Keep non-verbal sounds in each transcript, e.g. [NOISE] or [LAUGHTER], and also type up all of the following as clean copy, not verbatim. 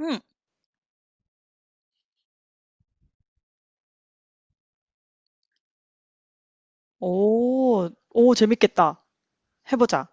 응. 오, 오, 재밌겠다. 해보자.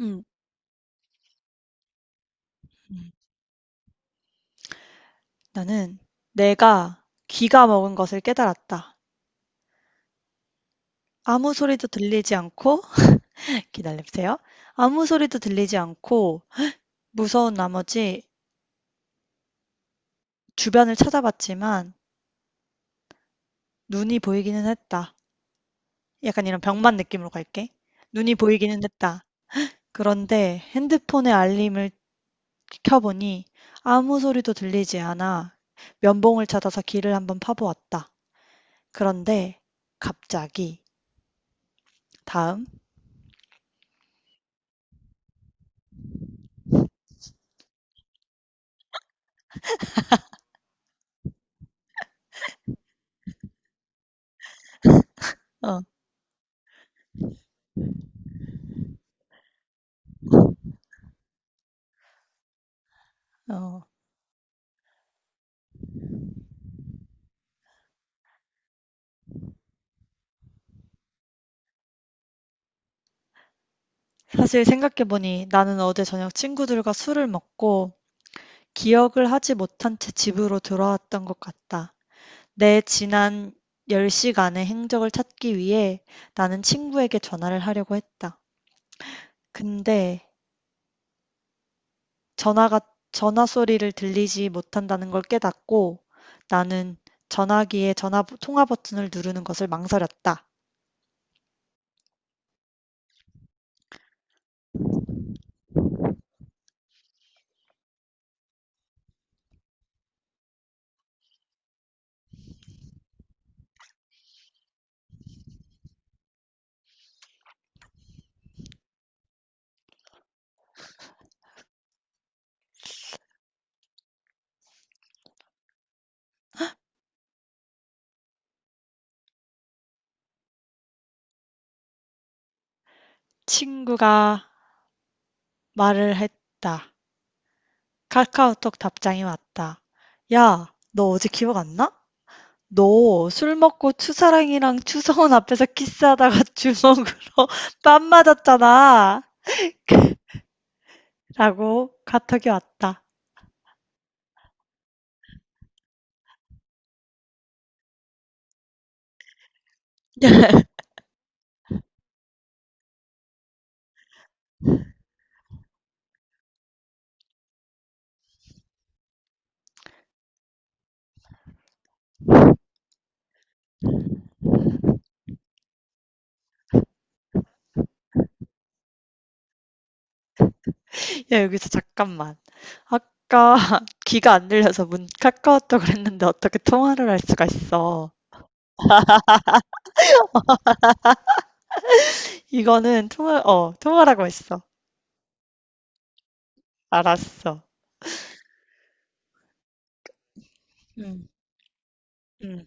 응. 음. 나는 내가 귀가 먹은 것을 깨달았다. 아무 소리도 들리지 않고, [LAUGHS] 기다려보세요. 아무 소리도 들리지 않고, 무서운 나머지 주변을 찾아봤지만, 눈이 보이기는 했다. 약간 이런 병만 느낌으로 갈게. 눈이 보이기는 했다. 그런데 핸드폰의 알림을 켜보니 아무 소리도 들리지 않아 면봉을 찾아서 귀를 한번 파보았다. 그런데 갑자기 다음 어. 어, 사실 생각해보니 나는 어제 저녁 친구들과 술을 먹고 기억을 하지 못한 채 집으로 돌아왔던 것 같다. 내 지난 10시간의 행적을 찾기 위해 나는 친구에게 전화를 하려고 했다. 근데 전화가 전화 소리를 들리지 못한다는 걸 깨닫고 나는 전화기에 전화 통화 버튼을 누르는 것을 망설였다. 친구가 말을 했다. 카카오톡 답장이 왔다. "야, 너 어제 기억 안 나? 너 술 먹고 추사랑이랑 추성훈 앞에서 키스하다가 주먹으로 [LAUGHS] 뺨 맞았잖아." 라고 카톡이 왔다. [LAUGHS] 야, 여기서 잠깐만. 아까 [LAUGHS] 귀가 안 들려서 문 카카오톡을 했는데 어떻게 통화를 할 수가 있어. 이거는 통화라고 했어. 알았어. 음. 음.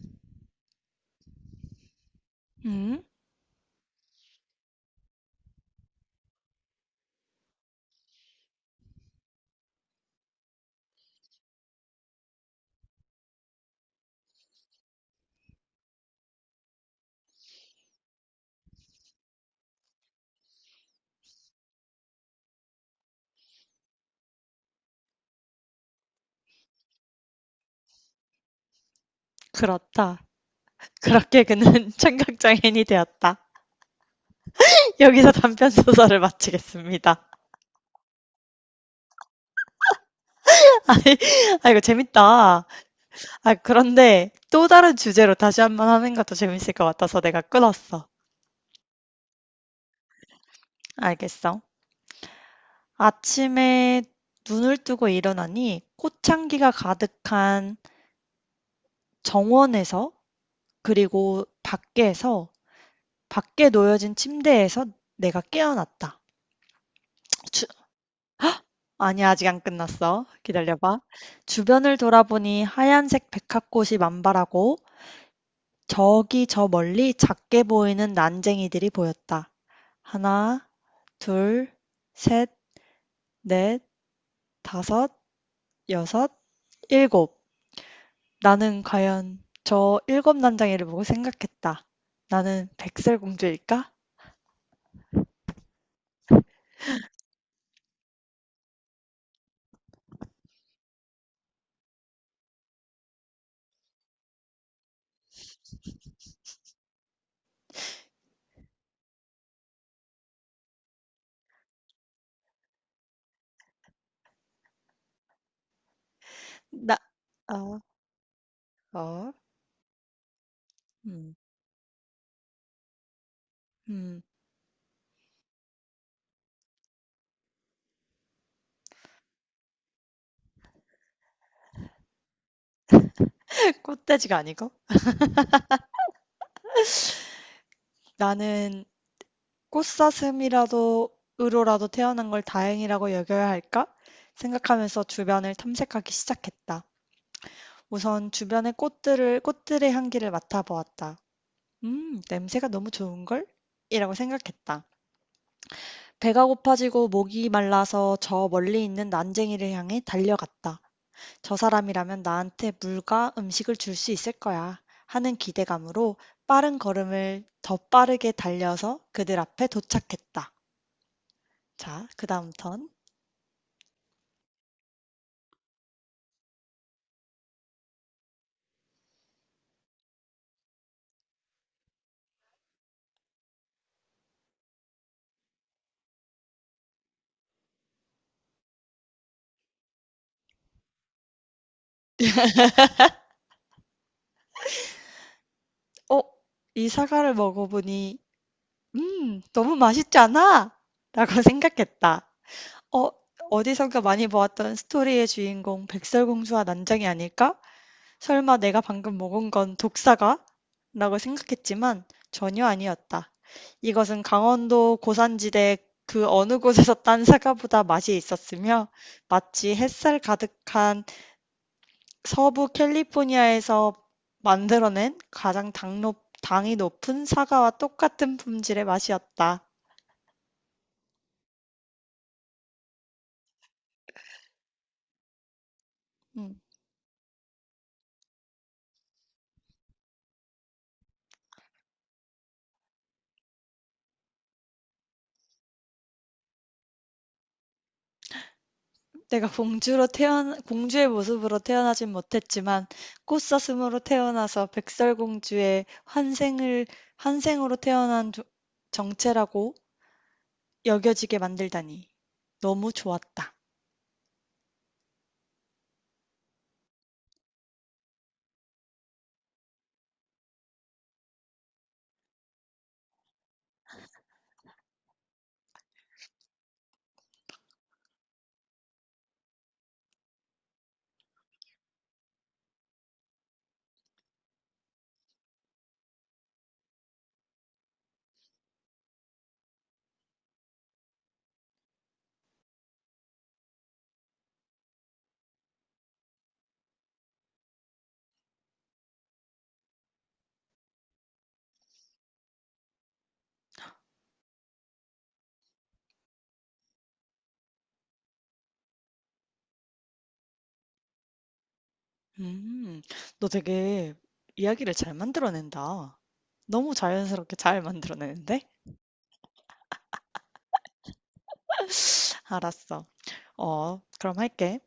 음. 그렇다. 그렇게 그는 [LAUGHS] 청각장애인이 되었다. 여기서 단편 소설을 마치겠습니다. [LAUGHS] 아니, 아, 이거 재밌다. 아, 그런데 또 다른 주제로 다시 한 번 하는 것도 재밌을 것 같아서 내가 끊었어. 알겠어. 아침에 눈을 뜨고 일어나니 꽃향기가 가득한 정원에서 그리고 밖에서 밖에 놓여진 침대에서 내가 깨어났다. 주- 아니, 아직 안 끝났어. 기다려봐. 주변을 돌아보니 하얀색 백합꽃이 만발하고 저기 저 멀리 작게 보이는 난쟁이들이 보였다. 하나, 둘, 셋, 넷, 다섯, 여섯, 일곱. 나는 과연 저 일곱 난쟁이를 보고 생각했다. 나는 백설공주일까? 나, 아, 어, 음, 음, [LAUGHS] 꽃돼지가 아니고? 나는 꽃사슴이라도, 으로라도 태어난 걸 다행이라고 여겨야 할까? 생각하면서 주변을 탐색하기 시작했다. 우선 주변의 꽃들을 꽃들의 향기를 맡아보았다. 냄새가 너무 좋은걸? 이라고 생각했다. 배가 고파지고 목이 말라서 저 멀리 있는 난쟁이를 향해 달려갔다. 저 사람이라면 나한테 물과 음식을 줄 수 있을 거야. 하는 기대감으로 빠른 걸음을 더 빠르게 달려서 그들 앞에 도착했다. 자, 그 다음 턴. 어? 이 사과를 먹어보니, 너무 맛있잖아 라고 생각했다. 어, 어디선가 많이 보았던 스토리의 주인공 백설공주와 난장이 아닐까? 설마 내가 방금 먹은 건 독사가? 라고 생각했지만 전혀 아니었다. 이것은 강원도 고산지대 그 어느 곳에서 딴 사과보다 맛이 있었으며 마치 햇살 가득한 서부 캘리포니아에서 만들어낸 당이 높은 사과와 똑같은 품질의 맛이었다. 음. 내가 공주로 태어나 공주의 모습으로 태어나진 못했지만 꽃사슴으로 태어나서 백설공주의 환생을 환생으로 태어난 정체라고 여겨지게 만들다니 너무 좋았다. 음, 너 되게 이야기를 잘 만들어낸다. 너무 자연스럽게 잘 만들어내는데? 알았어. 어, 그럼 할게.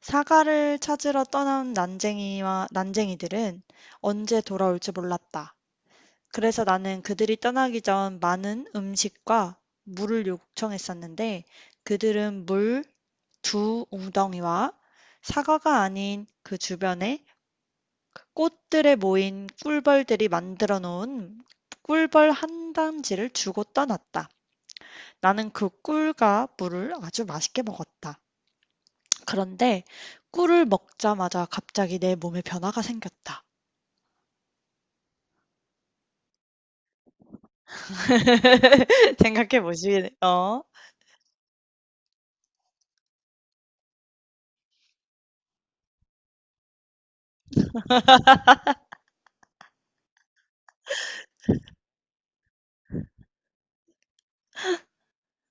사과를 찾으러 떠난 난쟁이와 난쟁이들은 언제 돌아올지 몰랐다. 그래서 나는 그들이 떠나기 전 많은 음식과 물을 요청했었는데 그들은 물 두 웅덩이와 사과가 아닌 그 주변에 꽃들에 모인 꿀벌들이 만들어 놓은 꿀벌 한 단지를 주고 떠났다. 나는 그 꿀과 물을 아주 맛있게 먹었다. 그런데 꿀을 먹자마자 갑자기 내 몸에 변화가 생겼다. [LAUGHS] 생각해 보시, 어?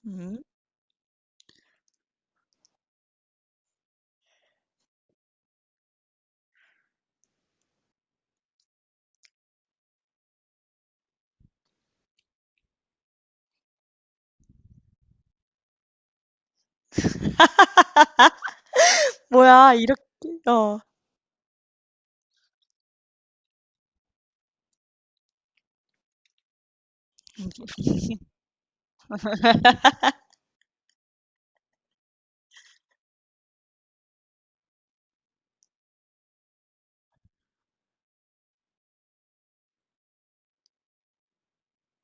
음. 뭐야, 이렇게, 어.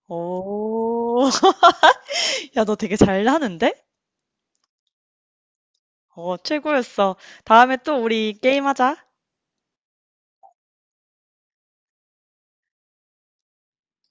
오, [LAUGHS] 야, 너 되게 잘하는데? 어, 최고였어. 다음에 또 우리 게임하자.